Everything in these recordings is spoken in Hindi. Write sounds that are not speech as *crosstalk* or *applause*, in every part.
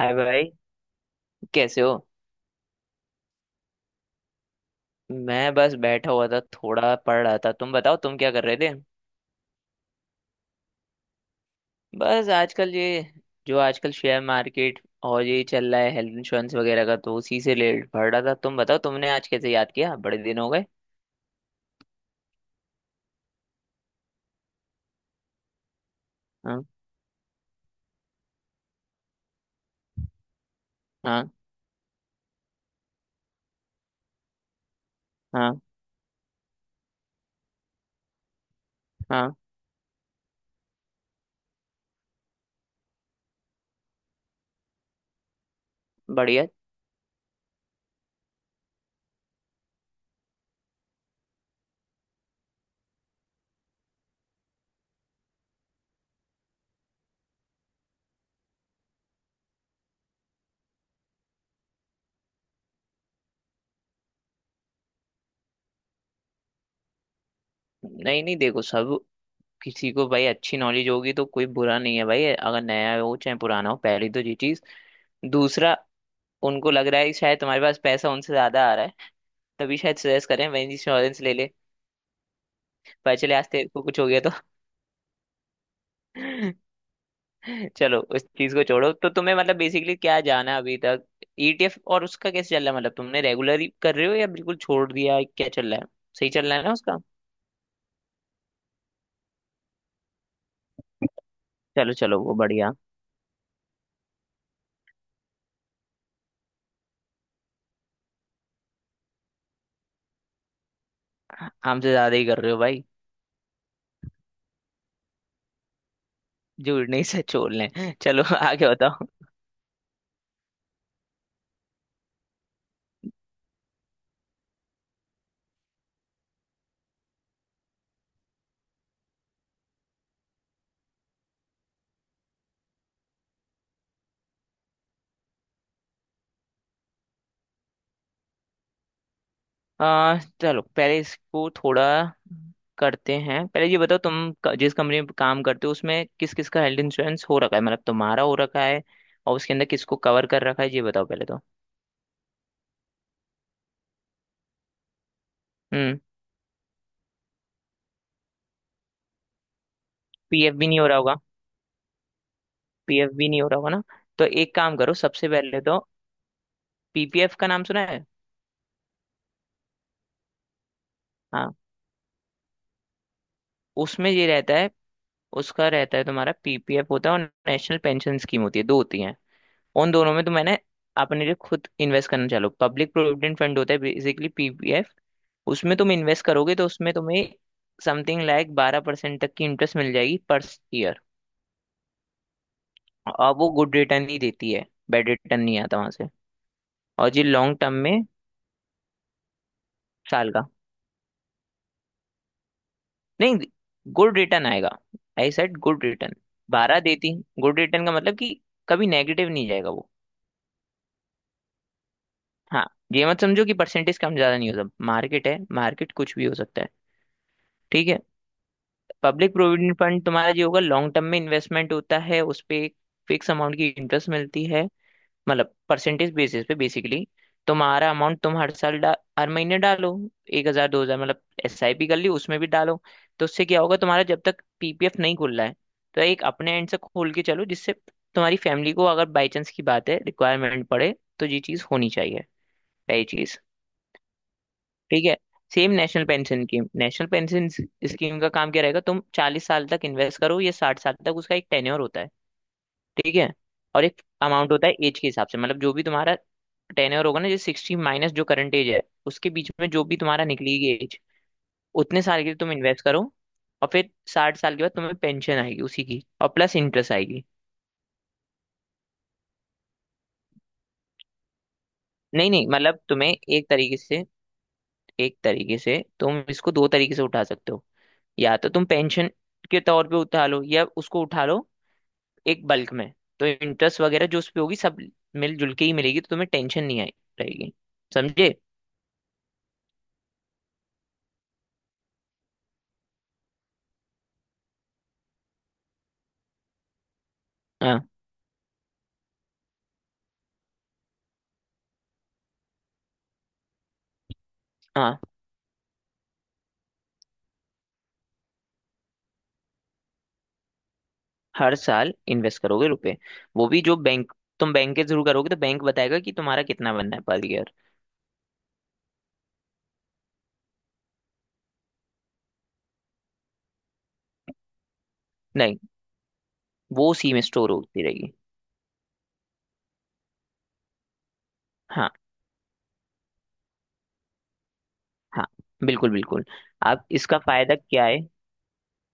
हाय भाई। कैसे हो? मैं बस बैठा हुआ था, थोड़ा पढ़ रहा था। तुम बताओ तुम क्या कर रहे थे? बस आजकल ये जो आजकल शेयर मार्केट और ये चल रहा है, हेल्थ इंश्योरेंस वगैरह का, तो उसी से रिलेटेड पढ़ रहा था। तुम बताओ तुमने आज कैसे याद किया, बड़े दिन हो गए। हाँ। हाँ। हाँ। हाँ। बढ़िया। नहीं नहीं, देखो, सब किसी को भाई अच्छी नॉलेज होगी तो कोई बुरा नहीं है भाई, अगर नया हो चाहे पुराना हो। पहली तो ये चीज। दूसरा, उनको लग रहा है कि शायद तुम्हारे पास पैसा उनसे ज्यादा आ रहा है, तभी शायद सजेस्ट करें वही इंश्योरेंस ले ले। पता चले आज तेरे को कुछ हो गया तो। *laughs* चलो उस चीज को छोड़ो। तो तुम्हें मतलब बेसिकली क्या जाना है अभी तक? ईटीएफ और उसका कैसे चल रहा है, मतलब तुमने रेगुलर ही कर रहे हो या बिल्कुल छोड़ दिया है? क्या चल रहा है, सही चल रहा है ना उसका? चलो चलो, वो बढ़िया। हमसे ज्यादा ही कर रहे हो भाई। जुड़ने से छोड़ लें। चलो *laughs* आगे बताओ। चलो पहले इसको थोड़ा करते हैं। पहले ये बताओ तुम जिस कंपनी में काम करते हो उसमें किस किस का हेल्थ इंश्योरेंस हो रखा है, मतलब तुम्हारा हो रखा है और उसके अंदर किसको कवर कर रखा है, ये बताओ पहले तो। हम्म। पीएफ भी नहीं हो रहा होगा। पीएफ भी नहीं हो रहा होगा ना। तो एक काम करो, सबसे पहले तो पीपीएफ का नाम सुना है? हाँ। उसमें ये रहता है। उसका रहता है, तुम्हारा पीपीएफ होता है और नेशनल पेंशन स्कीम होती है, दो होती हैं। उन दोनों में तो मैंने अपने लिए खुद इन्वेस्ट करना चालू। पब्लिक प्रोविडेंट फंड होता है बेसिकली पीपीएफ। उसमें तुम इन्वेस्ट करोगे तो उसमें तुम्हें समथिंग लाइक 12% तक की इंटरेस्ट मिल जाएगी पर ईयर। और वो गुड रिटर्न ही देती है, बैड रिटर्न नहीं आता वहां से। और ये लॉन्ग टर्म में। साल का। नहीं। गुड रिटर्न आएगा। I said good return. बारह देती। गुड रिटर्न का मतलब कि कभी नेगेटिव नहीं जाएगा वो। हाँ। ये मत समझो कि परसेंटेज कम ज्यादा नहीं होता, मार्केट है, मार्केट कुछ भी हो सकता है। ठीक है। पब्लिक प्रोविडेंट फंड तुम्हारा जो होगा, लॉन्ग टर्म में इन्वेस्टमेंट होता है, उस पे एक फिक्स अमाउंट की इंटरेस्ट मिलती है, मतलब परसेंटेज बेसिस पे बेसिकली। तुम्हारा अमाउंट तुम हर साल हर महीने डालो, 1,000 2,000, मतलब एस आई पी कर ली उसमें भी डालो। तो उससे क्या होगा, तुम्हारा जब तक पीपीएफ नहीं खुल रहा है तो एक अपने एंड से खोल के चलो, जिससे तुम्हारी फैमिली को अगर बाई चांस की बात है रिक्वायरमेंट पड़े तो ये चीज़ होनी चाहिए, पहली चीज़। ठीक है। Same national pension scheme. National pension scheme का काम क्या रहेगा, तुम 40 साल तक इन्वेस्ट करो या 60 साल तक, उसका एक टेन्योर होता है। ठीक है। और एक अमाउंट होता है एज के हिसाब से, मतलब जो भी तुम्हारा टेन्योर होगा ना, जैसे सिक्सटी माइनस जो करंट एज है, उसके बीच में जो भी तुम्हारा निकलेगी एज, उतने साल के लिए तुम इन्वेस्ट करो। और फिर 60 साल के बाद तुम्हें पेंशन आएगी उसी की, और प्लस इंटरेस्ट आएगी। नहीं नहीं, मतलब तुम्हें एक तरीके से, एक तरीके से तुम इसको दो तरीके से उठा सकते हो। या तो तुम पेंशन के तौर पे उठा लो, या उसको उठा लो एक बल्क में। तो इंटरेस्ट वगैरह जो उस पे होगी सब मिलजुल के ही मिलेगी, तो तुम्हें टेंशन नहीं आई रहेगी। समझे? हाँ। हाँ। हर साल इन्वेस्ट करोगे रुपए, वो भी जो बैंक, तुम बैंक के थ्रू करोगे तो बैंक बताएगा कि तुम्हारा कितना बनना है पर ईयर। नहीं, वो उसी में स्टोर होती रहेगी। हाँ। हाँ। बिल्कुल बिल्कुल। अब इसका फायदा क्या है।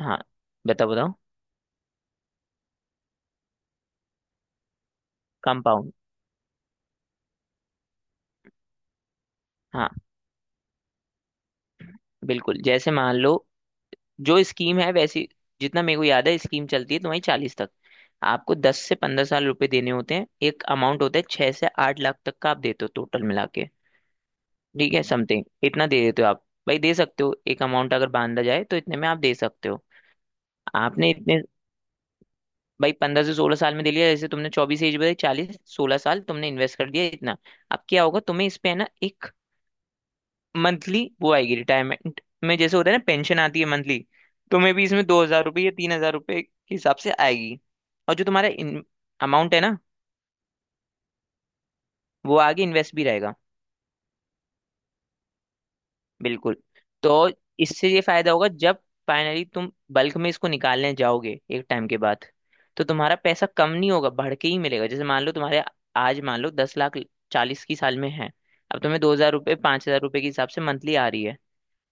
हाँ, बताओ बताओ। कंपाउंड। हाँ बिल्कुल, जैसे मान लो जो स्कीम है वैसी, जितना मेरे को याद है स्कीम चलती है तुम्हारी चालीस तक। आपको 10 से 15 साल रुपए देने होते हैं, एक अमाउंट होता है 6 से 8 लाख तक का आप देते हो टोटल मिला के। ठीक है समथिंग इतना दे देते हो आप भाई, दे सकते हो, एक अमाउंट अगर बांधा जाए तो इतने में आप दे सकते हो। आपने इतने भाई 15 से 16 साल में दे लिया, जैसे तुमने 24 एज बताई, 40, 16 साल तुमने इन्वेस्ट कर दिया इतना। अब क्या होगा, तुम्हें इस पे है ना एक मंथली वो आएगी रिटायरमेंट में, जैसे होता है ना पेंशन आती है मंथली, तुम्हें भी इसमें 2,000 रुपये या 3,000 रुपये के हिसाब से आएगी। और जो तुम्हारा अमाउंट है ना, वो आगे इन्वेस्ट भी रहेगा। बिल्कुल। तो इससे ये फायदा होगा जब फाइनली तुम बल्क में इसको निकालने जाओगे एक टाइम के बाद, तो तुम्हारा पैसा कम नहीं होगा, बढ़ के ही मिलेगा। जैसे मान लो तुम्हारे आज मान लो 10 लाख, चालीस की साल में है। अब तुम्हें 2,000 रुपये 5,000 रुपये के हिसाब से मंथली आ रही है,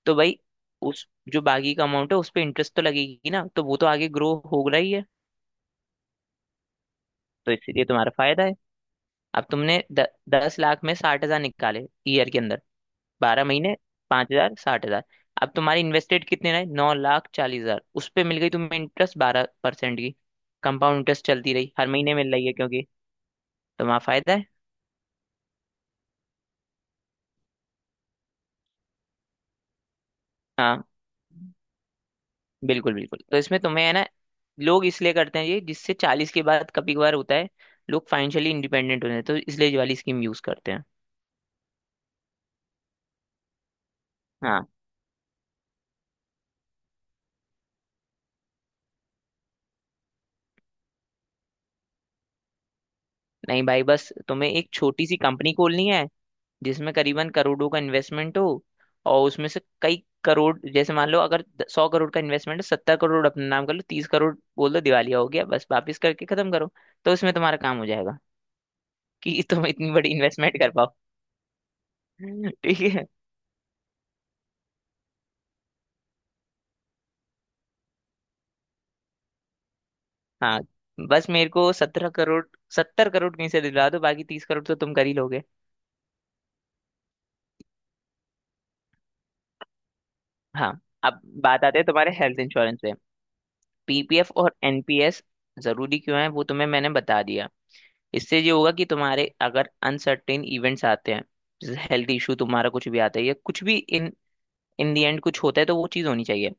तो भाई उस जो बाकी का अमाउंट है उस पर इंटरेस्ट तो लगेगी ना, तो वो तो आगे ग्रो हो रही है, तो इसलिए तुम्हारा फायदा है। अब तुमने 10 लाख में 60,000 निकाले ईयर के अंदर, 12 महीने 5,000, 60,000। अब तुम्हारे इन्वेस्टेड कितने रहे, 9,40,000, उस पे मिल गई तुम्हें इंटरेस्ट 12% की, कंपाउंड इंटरेस्ट चलती रही हर महीने मिल रही है क्योंकि तुम्हारा फायदा है। हाँ बिल्कुल बिल्कुल, तो इसमें तुम्हें है ना लोग इसलिए करते हैं ये, जिससे 40 के बाद कभी कभार होता है लोग फाइनेंशियली इंडिपेंडेंट होते हैं, तो इसलिए ये वाली स्कीम यूज करते हैं। हाँ। नहीं भाई, बस तुम्हें एक छोटी सी कंपनी खोलनी है जिसमें करीबन करोड़ों का इन्वेस्टमेंट हो, और उसमें से कई करोड़, जैसे मान लो अगर 100 करोड़ का इन्वेस्टमेंट है, 70 करोड़ अपने नाम कर लो, 30 करोड़ बोल दो दिवालिया हो गया, बस वापस करके खत्म करो, तो उसमें तुम्हारा काम हो जाएगा कि *laughs* तुम इतनी बड़ी इन्वेस्टमेंट कर पाओ। *laughs* ठीक है। हाँ। बस मेरे को 17 करोड़, 70 करोड़ कहीं से दिला दो, बाकी 30 करोड़ तो तुम कर ही लोगे। हाँ। अब बात आते हैं तुम्हारे हेल्थ इंश्योरेंस पे। पीपीएफ और एनपीएस जरूरी क्यों है वो तुम्हें मैंने बता दिया। इससे ये होगा कि तुम्हारे अगर अनसर्टेन इवेंट्स आते हैं जैसे हेल्थ इशू, तुम्हारा कुछ भी आता है या कुछ भी इन इन दी एंड कुछ होता है, तो वो चीज़ होनी चाहिए।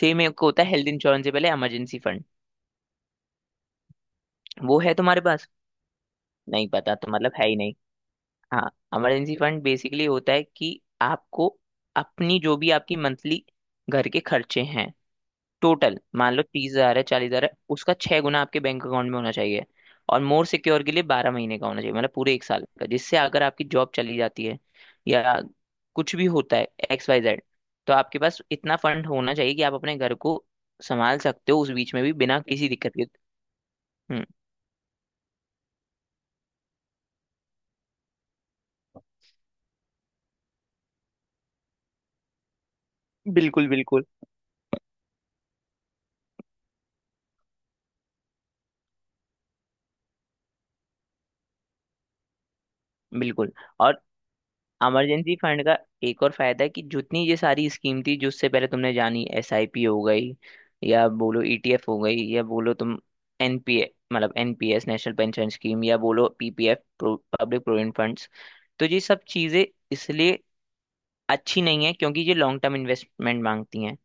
सेम एक होता है हेल्थ इंश्योरेंस से पहले इमरजेंसी फंड। वो है तुम्हारे पास? नहीं पता तो मतलब है ही नहीं। हाँ। इमरजेंसी फंड बेसिकली होता है कि आपको अपनी जो भी आपकी मंथली घर के खर्चे हैं, टोटल मान लो 30,000 है 40 हजार है, उसका 6 गुना आपके बैंक अकाउंट में होना चाहिए। और मोर सिक्योर के लिए 12 महीने का होना चाहिए, मतलब पूरे एक साल का, जिससे अगर आपकी जॉब चली जाती है या कुछ भी होता है एक्स वाई जेड, तो आपके पास इतना फंड होना चाहिए कि आप अपने घर को संभाल सकते हो उस बीच में भी बिना किसी दिक्कत के। हम्म। बिल्कुल बिल्कुल। बिल्कुल। और इमरजेंसी फंड का एक और फायदा है कि जितनी ये सारी स्कीम थी जिससे पहले तुमने जानी, एसआईपी हो गई या बोलो ईटीएफ हो गई या बोलो तुम एनपीए मतलब एनपीएस नेशनल पेंशन स्कीम या बोलो पीपीएफ पब्लिक प्रोविडेंट फंड्स, तो ये सब चीजें इसलिए अच्छी नहीं है क्योंकि ये लॉन्ग टर्म इन्वेस्टमेंट मांगती हैं।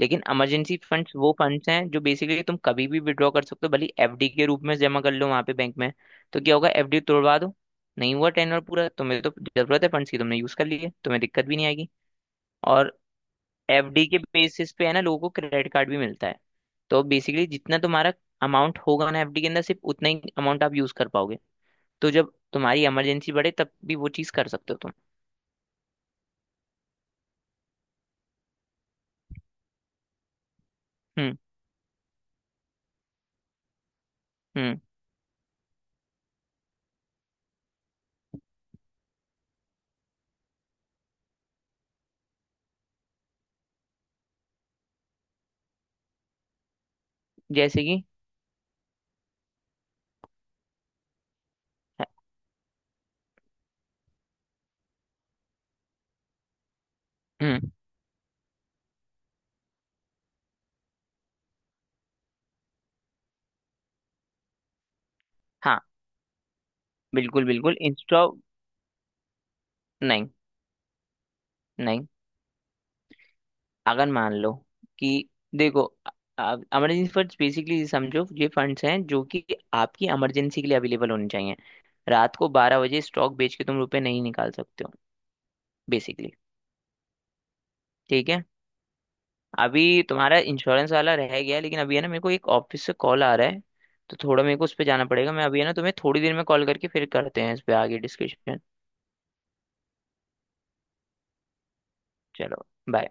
लेकिन इमरजेंसी फंड्स वो फंड्स हैं जो बेसिकली तुम कभी भी विड्रॉ कर सकते हो, भले एफडी के रूप में जमा कर लो वहां पे बैंक में। तो क्या होगा, एफडी तोड़वा दो, नहीं हुआ टेनर पूरा तुम्हें तो, जरूरत है फंड्स की तुमने यूज कर लिए, तुम्हें दिक्कत भी नहीं आएगी। और एफडी के बेसिस पे है ना लोगों को क्रेडिट कार्ड भी मिलता है। तो बेसिकली जितना तुम्हारा अमाउंट होगा ना एफडी के अंदर, सिर्फ उतना ही अमाउंट आप यूज कर पाओगे। तो जब तुम्हारी इमरजेंसी बढ़े तब भी वो चीज कर सकते हो तुम। हम्म। हम्म, जैसे कि हम्म, हाँ बिल्कुल बिल्कुल, इंस्टेड ऑफ। नहीं नहीं, अगर मान लो कि देखो इमरजेंसी फंड्स बेसिकली समझो ये फंड्स हैं जो कि आपकी इमरजेंसी के लिए अवेलेबल होने चाहिए। रात को 12 बजे स्टॉक बेच के तुम रुपए नहीं निकाल सकते हो बेसिकली। ठीक है। अभी तुम्हारा इंश्योरेंस वाला रह गया, लेकिन अभी है ना मेरे को एक ऑफिस से कॉल आ रहा है, तो थोड़ा मेरे को उस पर जाना पड़ेगा। मैं अभी है ना तुम्हें थोड़ी देर में कॉल करके फिर करते हैं इस पे आगे डिस्कशन। चलो। बाय।